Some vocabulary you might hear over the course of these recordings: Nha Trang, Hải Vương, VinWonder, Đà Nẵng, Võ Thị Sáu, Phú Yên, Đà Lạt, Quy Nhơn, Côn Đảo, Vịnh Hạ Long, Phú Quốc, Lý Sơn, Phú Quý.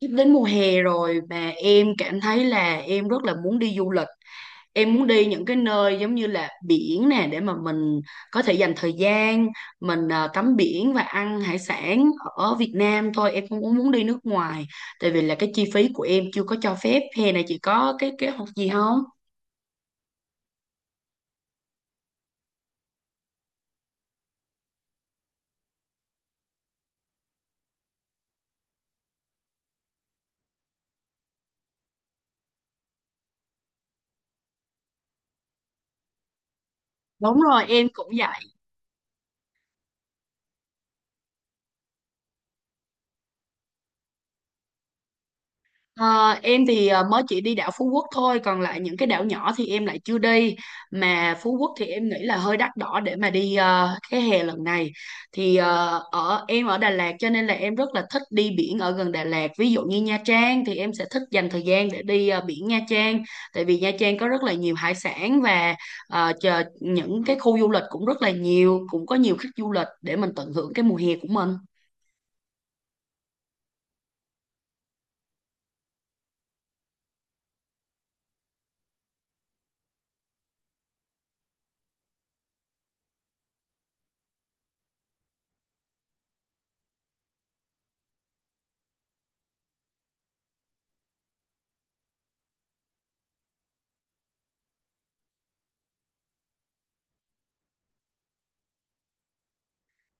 Sắp đến mùa hè rồi mà em cảm thấy là em rất là muốn đi du lịch. Em muốn đi những cái nơi giống như là biển nè để mà mình có thể dành thời gian mình, tắm biển và ăn hải sản ở Việt Nam thôi, em không có muốn đi nước ngoài tại vì là cái chi phí của em chưa có cho phép. Hè này chị có cái kế hoạch gì không? Đúng rồi, em cũng vậy. Ờ, em thì mới chỉ đi đảo Phú Quốc thôi, còn lại những cái đảo nhỏ thì em lại chưa đi. Mà Phú Quốc thì em nghĩ là hơi đắt đỏ để mà đi cái hè lần này. Thì ờ, ở em ở Đà Lạt cho nên là em rất là thích đi biển ở gần Đà Lạt. Ví dụ như Nha Trang thì em sẽ thích dành thời gian để đi biển Nha Trang. Tại vì Nha Trang có rất là nhiều hải sản và chờ những cái khu du lịch cũng rất là nhiều, cũng có nhiều khách du lịch để mình tận hưởng cái mùa hè của mình.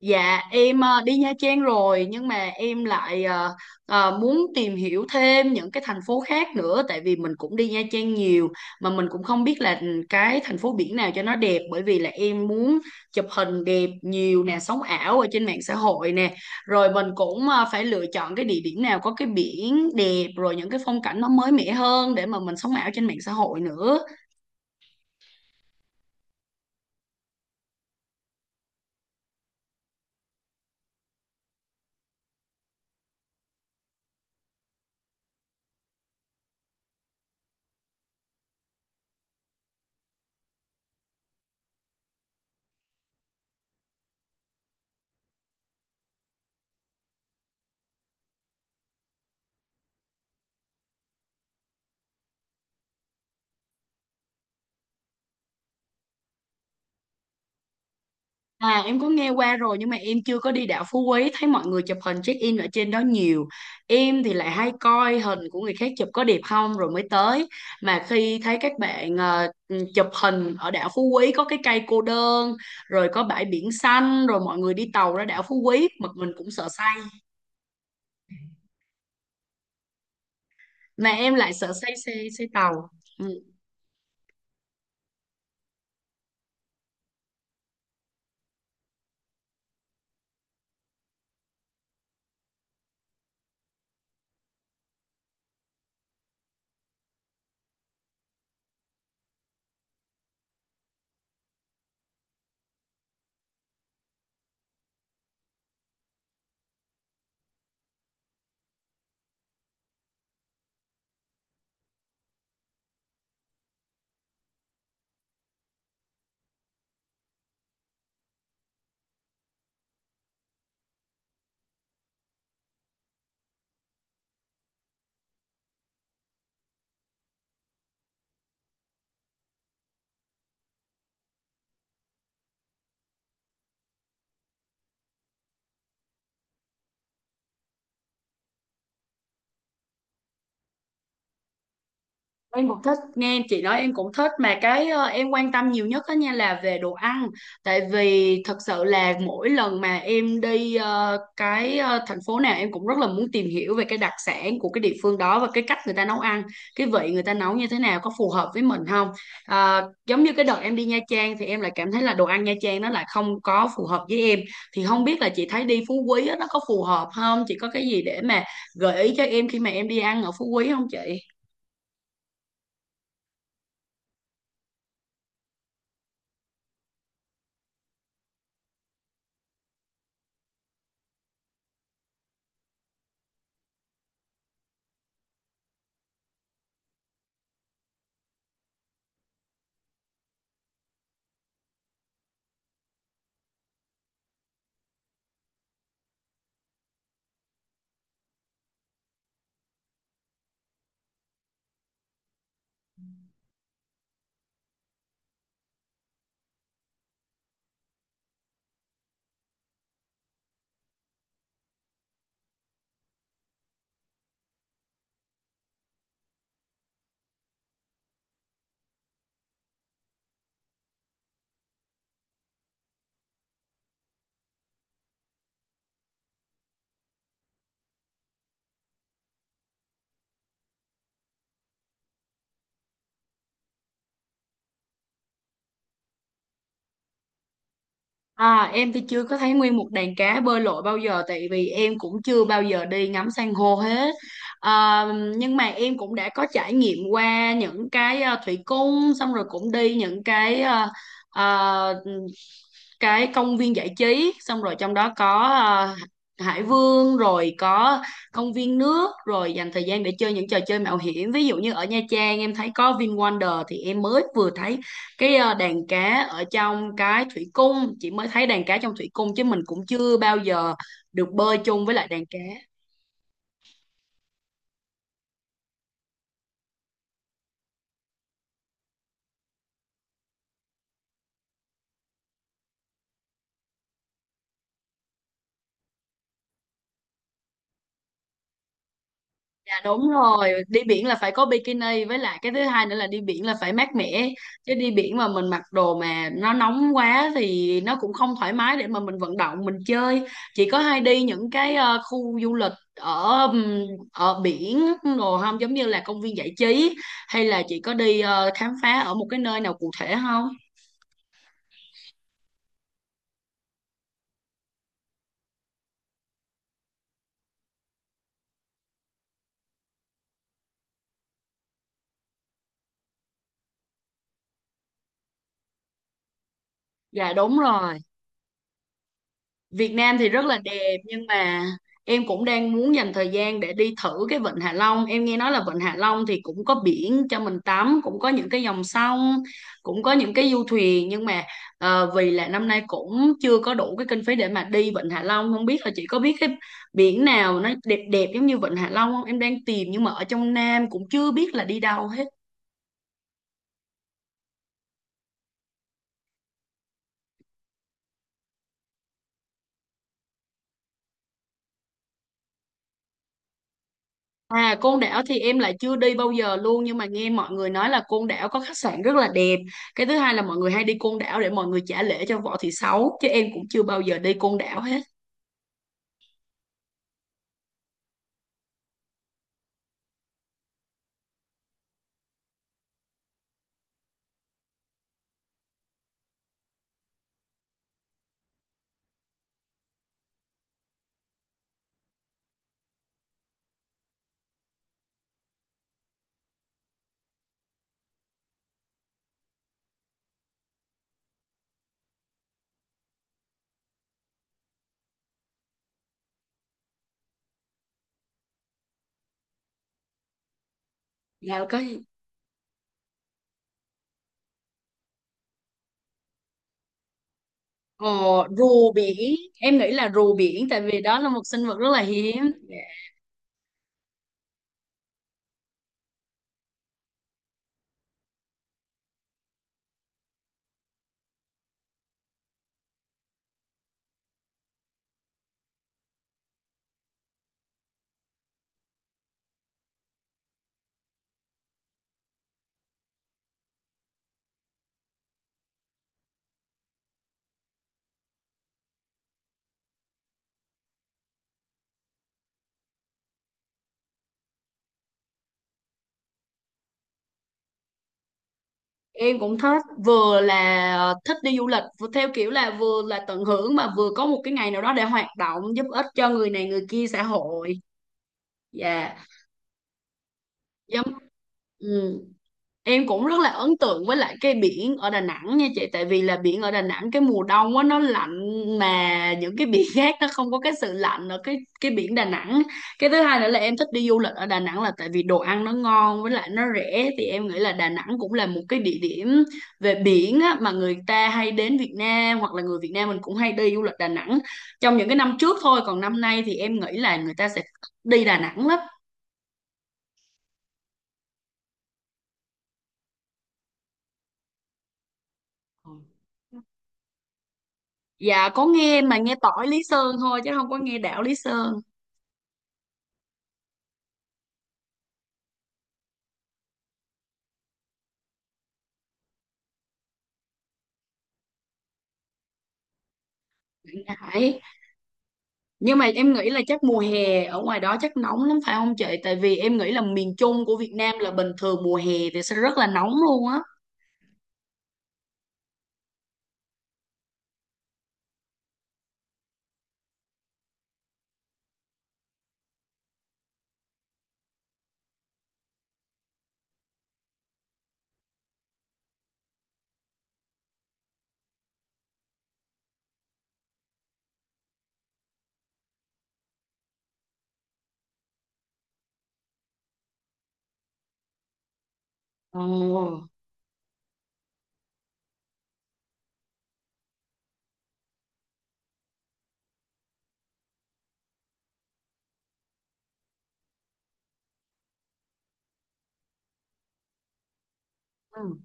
Dạ, em đi Nha Trang rồi nhưng mà em lại muốn tìm hiểu thêm những cái thành phố khác nữa tại vì mình cũng đi Nha Trang nhiều mà mình cũng không biết là cái thành phố biển nào cho nó đẹp, bởi vì là em muốn chụp hình đẹp nhiều nè, sống ảo ở trên mạng xã hội nè. Rồi mình cũng phải lựa chọn cái địa điểm nào có cái biển đẹp rồi những cái phong cảnh nó mới mẻ hơn để mà mình sống ảo trên mạng xã hội nữa. À, em có nghe qua rồi nhưng mà em chưa có đi đảo Phú Quý, thấy mọi người chụp hình check in ở trên đó nhiều. Em thì lại hay coi hình của người khác chụp có đẹp không rồi mới tới, mà khi thấy các bạn chụp hình ở đảo Phú Quý có cái cây cô đơn rồi có bãi biển xanh rồi mọi người đi tàu ra đảo Phú Quý mà mình cũng sợ say. Mà em lại sợ say xe, say tàu. Ừ. Em cũng thích nghe chị nói, em cũng thích, mà cái em quan tâm nhiều nhất đó nha là về đồ ăn. Tại vì thật sự là mỗi lần mà em đi thành phố nào em cũng rất là muốn tìm hiểu về cái đặc sản của cái địa phương đó và cái cách người ta nấu ăn, cái vị người ta nấu như thế nào, có phù hợp với mình không. Ờ, giống như cái đợt em đi Nha Trang thì em lại cảm thấy là đồ ăn Nha Trang nó lại không có phù hợp với em. Thì không biết là chị thấy đi Phú Quý á, nó có phù hợp không, chị có cái gì để mà gợi ý cho em khi mà em đi ăn ở Phú Quý không chị? À, em thì chưa có thấy nguyên một đàn cá bơi lội bao giờ, tại vì em cũng chưa bao giờ đi ngắm san hô hết. À, nhưng mà em cũng đã có trải nghiệm qua những cái thủy cung, xong rồi cũng đi những cái ờ, cái công viên giải trí. Xong rồi trong đó có Hải Vương rồi có công viên nước, rồi dành thời gian để chơi những trò chơi mạo hiểm. Ví dụ như ở Nha Trang em thấy có VinWonder, thì em mới vừa thấy cái đàn cá ở trong cái thủy cung. Chị mới thấy đàn cá trong thủy cung chứ mình cũng chưa bao giờ được bơi chung với lại đàn cá. Dạ đúng rồi, đi biển là phải có bikini, với lại cái thứ hai nữa là đi biển là phải mát mẻ, chứ đi biển mà mình mặc đồ mà nó nóng quá thì nó cũng không thoải mái để mà mình vận động mình chơi. Chị có hay đi những cái khu du lịch ở ở biển đồ không, giống như là công viên giải trí, hay là chị có đi khám phá ở một cái nơi nào cụ thể không? Dạ đúng rồi, Việt Nam thì rất là đẹp nhưng mà em cũng đang muốn dành thời gian để đi thử cái Vịnh Hạ Long. Em nghe nói là Vịnh Hạ Long thì cũng có biển cho mình tắm, cũng có những cái dòng sông, cũng có những cái du thuyền, nhưng mà vì là năm nay cũng chưa có đủ cái kinh phí để mà đi Vịnh Hạ Long, không biết là chị có biết cái biển nào nó đẹp đẹp giống như Vịnh Hạ Long không? Em đang tìm nhưng mà ở trong Nam cũng chưa biết là đi đâu hết. À, Côn Đảo thì em lại chưa đi bao giờ luôn, nhưng mà nghe mọi người nói là Côn Đảo có khách sạn rất là đẹp. Cái thứ hai là mọi người hay đi Côn Đảo để mọi người trả lễ cho Võ Thị Sáu, chứ em cũng chưa bao giờ đi Côn Đảo hết. Dạ có gì? ờ, Rùa biển, em nghĩ là rùa biển tại vì đó là một sinh vật rất là hiếm. Dạ. Em cũng thích, vừa là thích đi du lịch vừa theo kiểu là vừa là tận hưởng mà vừa có một cái ngày nào đó để hoạt động giúp ích cho người này người kia, xã hội. Dạ. Giống ừ. Em cũng rất là ấn tượng với lại cái biển ở Đà Nẵng nha chị. Tại vì là biển ở Đà Nẵng cái mùa đông á nó lạnh, mà những cái biển khác nó không có cái sự lạnh ở cái biển Đà Nẵng. Cái thứ hai nữa là em thích đi du lịch ở Đà Nẵng là tại vì đồ ăn nó ngon với lại nó rẻ. Thì em nghĩ là Đà Nẵng cũng là một cái địa điểm về biển á, mà người ta hay đến Việt Nam hoặc là người Việt Nam mình cũng hay đi du lịch Đà Nẵng trong những cái năm trước thôi. Còn năm nay thì em nghĩ là người ta sẽ đi Đà Nẵng lắm. Ừ. Dạ có nghe, mà nghe tỏi Lý Sơn thôi chứ không có nghe đảo Lý Sơn. Đấy. Nhưng mà em nghĩ là chắc mùa hè ở ngoài đó chắc nóng lắm phải không chị? Tại vì em nghĩ là miền Trung của Việt Nam là bình thường mùa hè thì sẽ rất là nóng luôn á. Ồ. Ừ.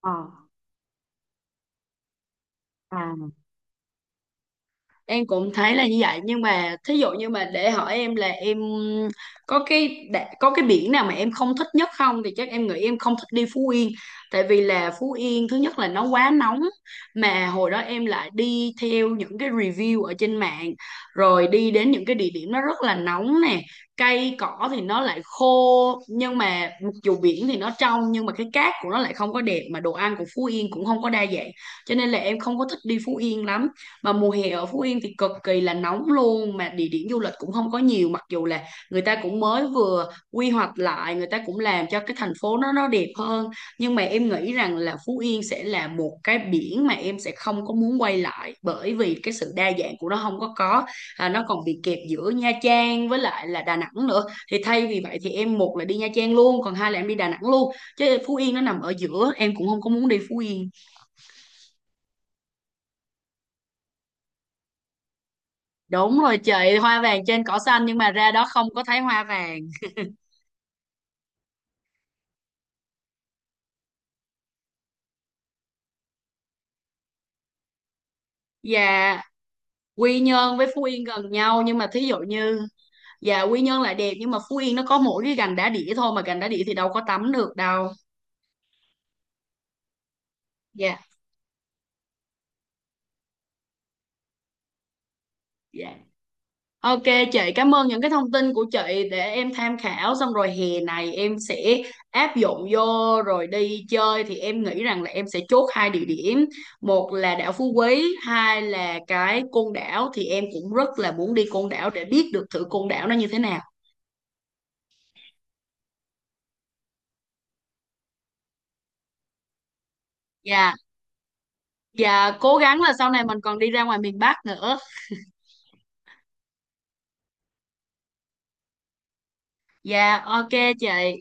Ờ. À. Em cũng thấy là như vậy, nhưng mà thí dụ như mà để hỏi em là em có có cái biển nào mà em không thích nhất không, thì chắc em nghĩ em không thích đi Phú Yên. Tại vì là Phú Yên thứ nhất là nó quá nóng, mà hồi đó em lại đi theo những cái review ở trên mạng rồi đi đến những cái địa điểm nó rất là nóng nè, cây cỏ thì nó lại khô, nhưng mà mặc dù biển thì nó trong nhưng mà cái cát của nó lại không có đẹp, mà đồ ăn của Phú Yên cũng không có đa dạng, cho nên là em không có thích đi Phú Yên lắm. Mà mùa hè ở Phú Yên thì cực kỳ là nóng luôn, mà địa điểm du lịch cũng không có nhiều, mặc dù là người ta cũng mới vừa quy hoạch lại, người ta cũng làm cho cái thành phố nó đẹp hơn, nhưng mà em nghĩ rằng là Phú Yên sẽ là một cái biển mà em sẽ không có muốn quay lại, bởi vì cái sự đa dạng của nó không có. À, nó còn bị kẹp giữa Nha Trang với lại là Đà Nẵng nữa, thì thay vì vậy thì em một là đi Nha Trang luôn, còn hai là em đi Đà Nẵng luôn, chứ Phú Yên nó nằm ở giữa, em cũng không có muốn đi Phú Yên. Đúng rồi chị, hoa vàng trên cỏ xanh, nhưng mà ra đó không có thấy hoa vàng. Và Quy Nhơn với Phú Yên gần nhau, nhưng mà thí dụ như, và Quy Nhơn lại đẹp, nhưng mà Phú Yên nó có mỗi cái gành đá đĩa thôi, mà gành đá đĩa thì đâu có tắm được đâu. Dạ. Dạ. Ok chị, cảm ơn những cái thông tin của chị để em tham khảo. Xong rồi hè này em sẽ áp dụng vô rồi đi chơi, thì em nghĩ rằng là em sẽ chốt hai địa điểm, một là đảo Phú Quý, hai là cái Côn Đảo, thì em cũng rất là muốn đi Côn Đảo để biết được thử Côn Đảo nó như thế nào. Dạ, dạ cố gắng là sau này mình còn đi ra ngoài miền Bắc nữa. Dạ, ok chị.